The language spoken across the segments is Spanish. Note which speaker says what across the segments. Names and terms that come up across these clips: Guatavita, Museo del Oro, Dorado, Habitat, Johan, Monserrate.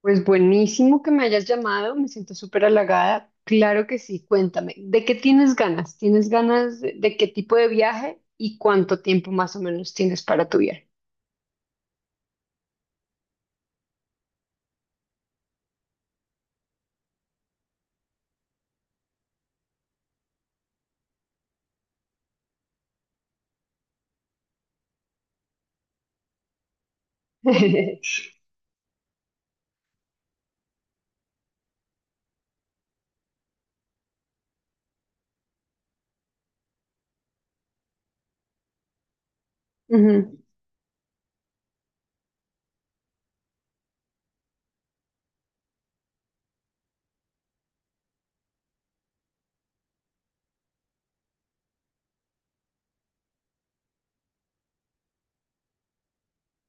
Speaker 1: Pues buenísimo que me hayas llamado, me siento súper halagada. Claro que sí, cuéntame, ¿de qué tienes ganas? ¿Tienes ganas de, qué tipo de viaje y cuánto tiempo más o menos tienes para tu viaje? Ujú,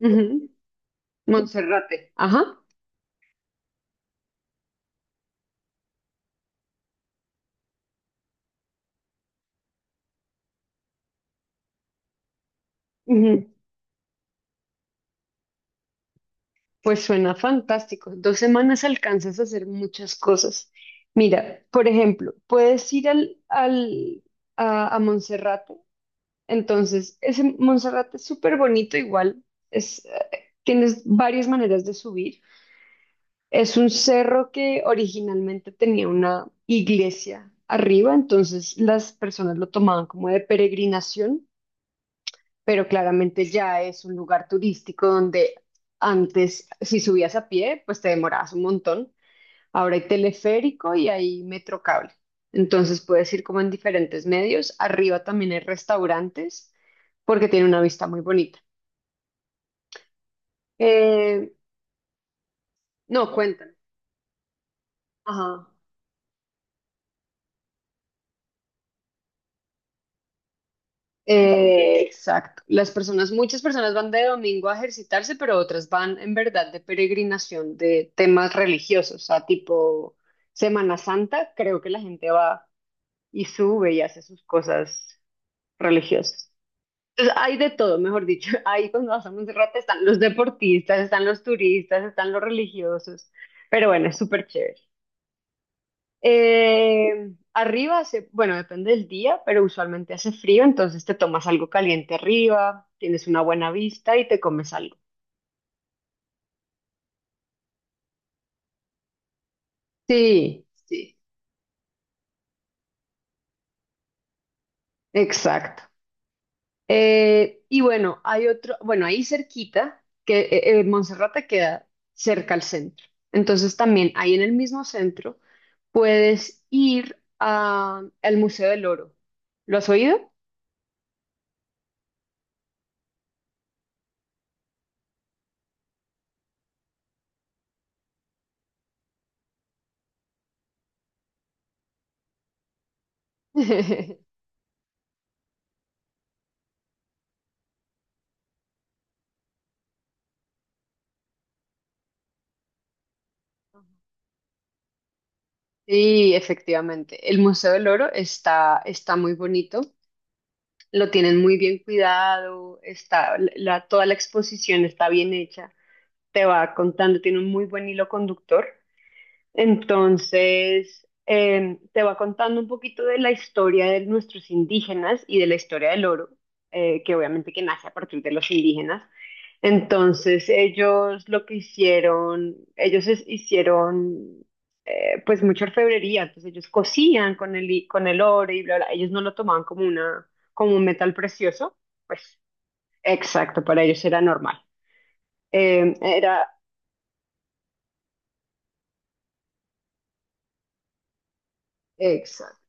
Speaker 1: ujú. Monserrate, ajá. Ujú. Pues suena fantástico. Dos semanas alcanzas a hacer muchas cosas. Mira, por ejemplo, puedes ir a Monserrate. Entonces, ese Monserrate es súper bonito, igual es, tienes varias maneras de subir. Es un cerro que originalmente tenía una iglesia arriba, entonces las personas lo tomaban como de peregrinación, pero claramente ya es un lugar turístico donde antes, si subías a pie, pues te demorabas un montón. Ahora hay teleférico y hay metro cable. Entonces puedes ir como en diferentes medios. Arriba también hay restaurantes porque tiene una vista muy bonita. Eh, no, cuéntame. Ajá. Exacto. Las personas, muchas personas van de domingo a ejercitarse, pero otras van en verdad de peregrinación de temas religiosos, o sea, tipo Semana Santa, creo que la gente va y sube y hace sus cosas religiosas. Entonces, hay de todo, mejor dicho. Ahí cuando vas a Monserrate están los deportistas, están los turistas, están los religiosos. Pero bueno, es súper chévere. Arriba hace, bueno, depende del día, pero usualmente hace frío, entonces te tomas algo caliente arriba, tienes una buena vista y te comes algo. Sí, sí, exacto. Y bueno, hay otro, bueno, ahí cerquita, que Monserrate queda cerca al centro. Entonces también ahí en el mismo centro puedes ir al Museo del Oro. ¿Lo has oído? Sí, efectivamente. El Museo del Oro está, está muy bonito. Lo tienen muy bien cuidado. Está, la, toda la exposición está bien hecha. Te va contando, tiene un muy buen hilo conductor. Entonces, te va contando un poquito de la historia de nuestros indígenas y de la historia del oro, que obviamente que nace a partir de los indígenas. Entonces, ellos lo que hicieron, hicieron pues mucha orfebrería, entonces ellos cosían con con el oro y bla, bla, ellos no lo tomaban como una, como un metal precioso, pues exacto, para ellos era normal. Era exacto.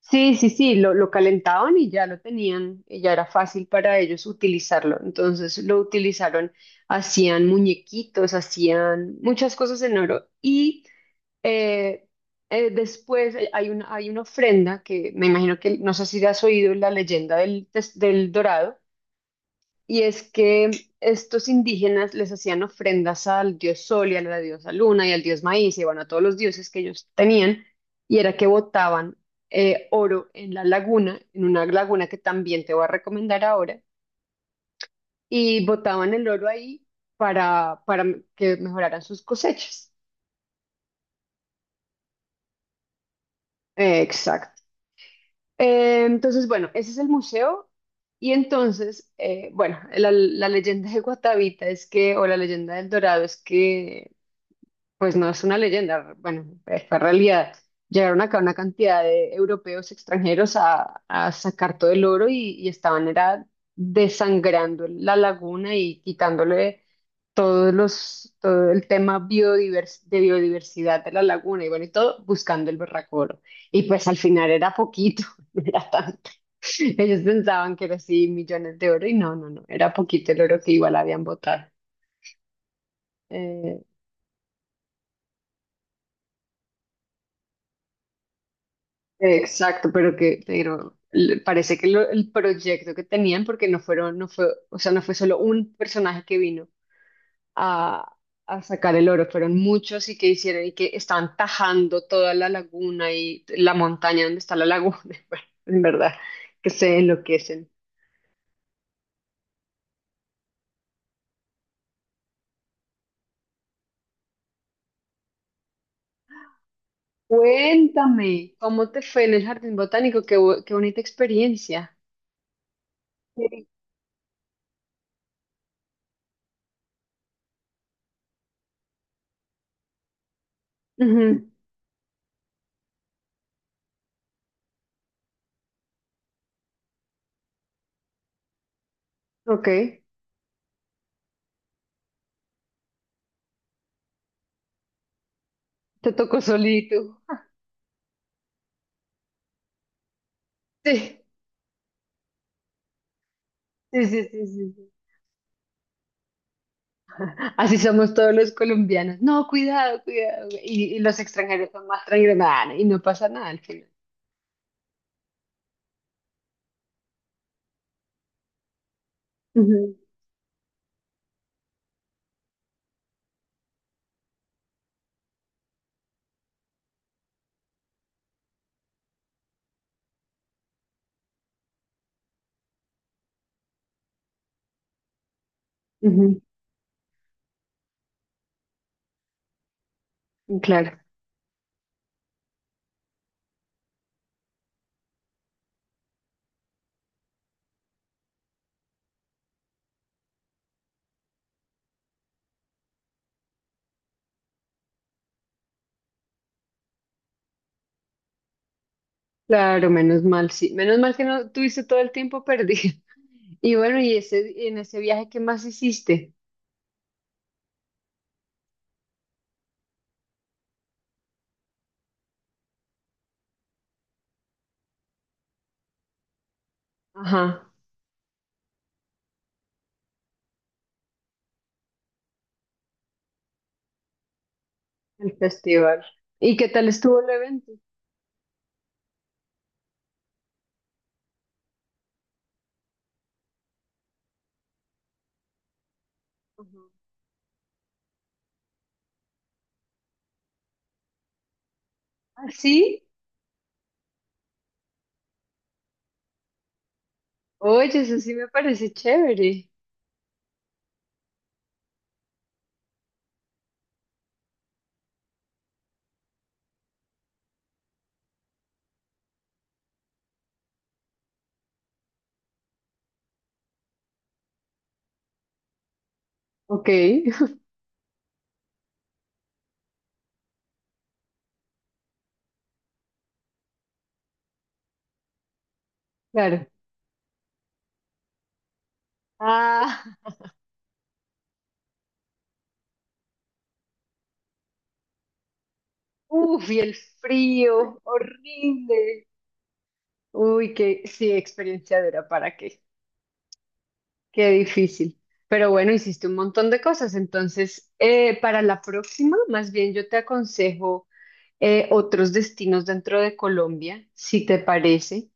Speaker 1: Sí, sí, sí, lo calentaban y ya lo tenían, y ya era fácil para ellos utilizarlo. Entonces lo utilizaron, hacían muñequitos, hacían muchas cosas en oro. Y eh, después hay una, hay una ofrenda que me imagino que, no sé si has oído la leyenda del Dorado. Y es que estos indígenas les hacían ofrendas al dios Sol y a la diosa Luna y al dios Maíz y bueno, a todos los dioses que ellos tenían, y era que botaban oro en la laguna, en una laguna que también te voy a recomendar ahora, y botaban el oro ahí para que mejoraran sus cosechas. Exacto. Entonces, bueno, ese es el museo. Y entonces, bueno, la leyenda de Guatavita es que, o la leyenda del Dorado es que pues no es una leyenda, bueno, fue realidad. Llegaron acá una cantidad de europeos extranjeros a sacar todo el oro y estaban era desangrando la laguna y quitándole todos los, todo el tema de biodiversidad de la laguna y bueno, y todo buscando el berraco oro. Y pues al final era poquito, no era tanto. Ellos pensaban que era así millones de oro y no, no, no, era poquito el oro que igual habían botado. Eh, Exacto, pero que, parece que el proyecto que tenían, porque no fueron, no fue, o sea, no fue solo un personaje que vino a, a sacar el oro, fueron muchos y que hicieron y que estaban tajando toda la laguna y la montaña donde está la laguna, bueno, en verdad, que se enloquecen. Cuéntame, ¿cómo te fue en el jardín botánico? Qué, qué bonita experiencia. Sí. Ujú, ok, te tocó solito. Sí, sí, sí, sí, sí. Así somos todos los colombianos. No, cuidado, cuidado. Y los extranjeros son más tranquilos. Nah, y no pasa nada al final. Ujú, ujú, claro, claro, menos mal, sí. Menos mal que no tuviste todo el tiempo perdido. Y bueno, y ese, y en ese viaje, ¿qué más hiciste? Ajá, el festival. ¿Y qué tal estuvo el evento? Ajá. ¿Ah, sí? Oye, eso sí me parece chévere. Ok, claro. Ah, uff, y el frío, horrible. Uy, qué sí, experienciadora, ¿para qué? Qué difícil. Pero bueno, hiciste un montón de cosas. Entonces, para la próxima, más bien yo te aconsejo otros destinos dentro de Colombia, si te parece,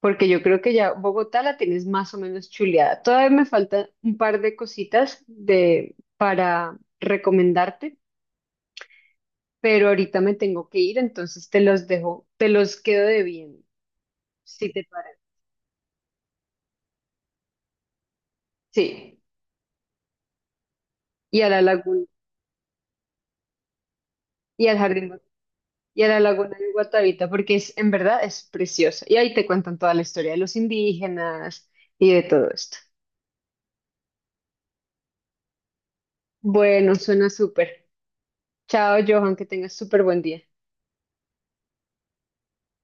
Speaker 1: porque yo creo que ya Bogotá la tienes más o menos chuleada. Todavía me faltan un par de cositas de, para recomendarte, pero ahorita me tengo que ir, entonces te los dejo, te los quedo debiendo, si te parece. Sí, y a la laguna y al jardín. Y a la laguna de Guatavita, porque es, en verdad es preciosa. Y ahí te cuentan toda la historia de los indígenas y de todo esto. Bueno, suena súper. Chao, Johan, que tengas súper buen día.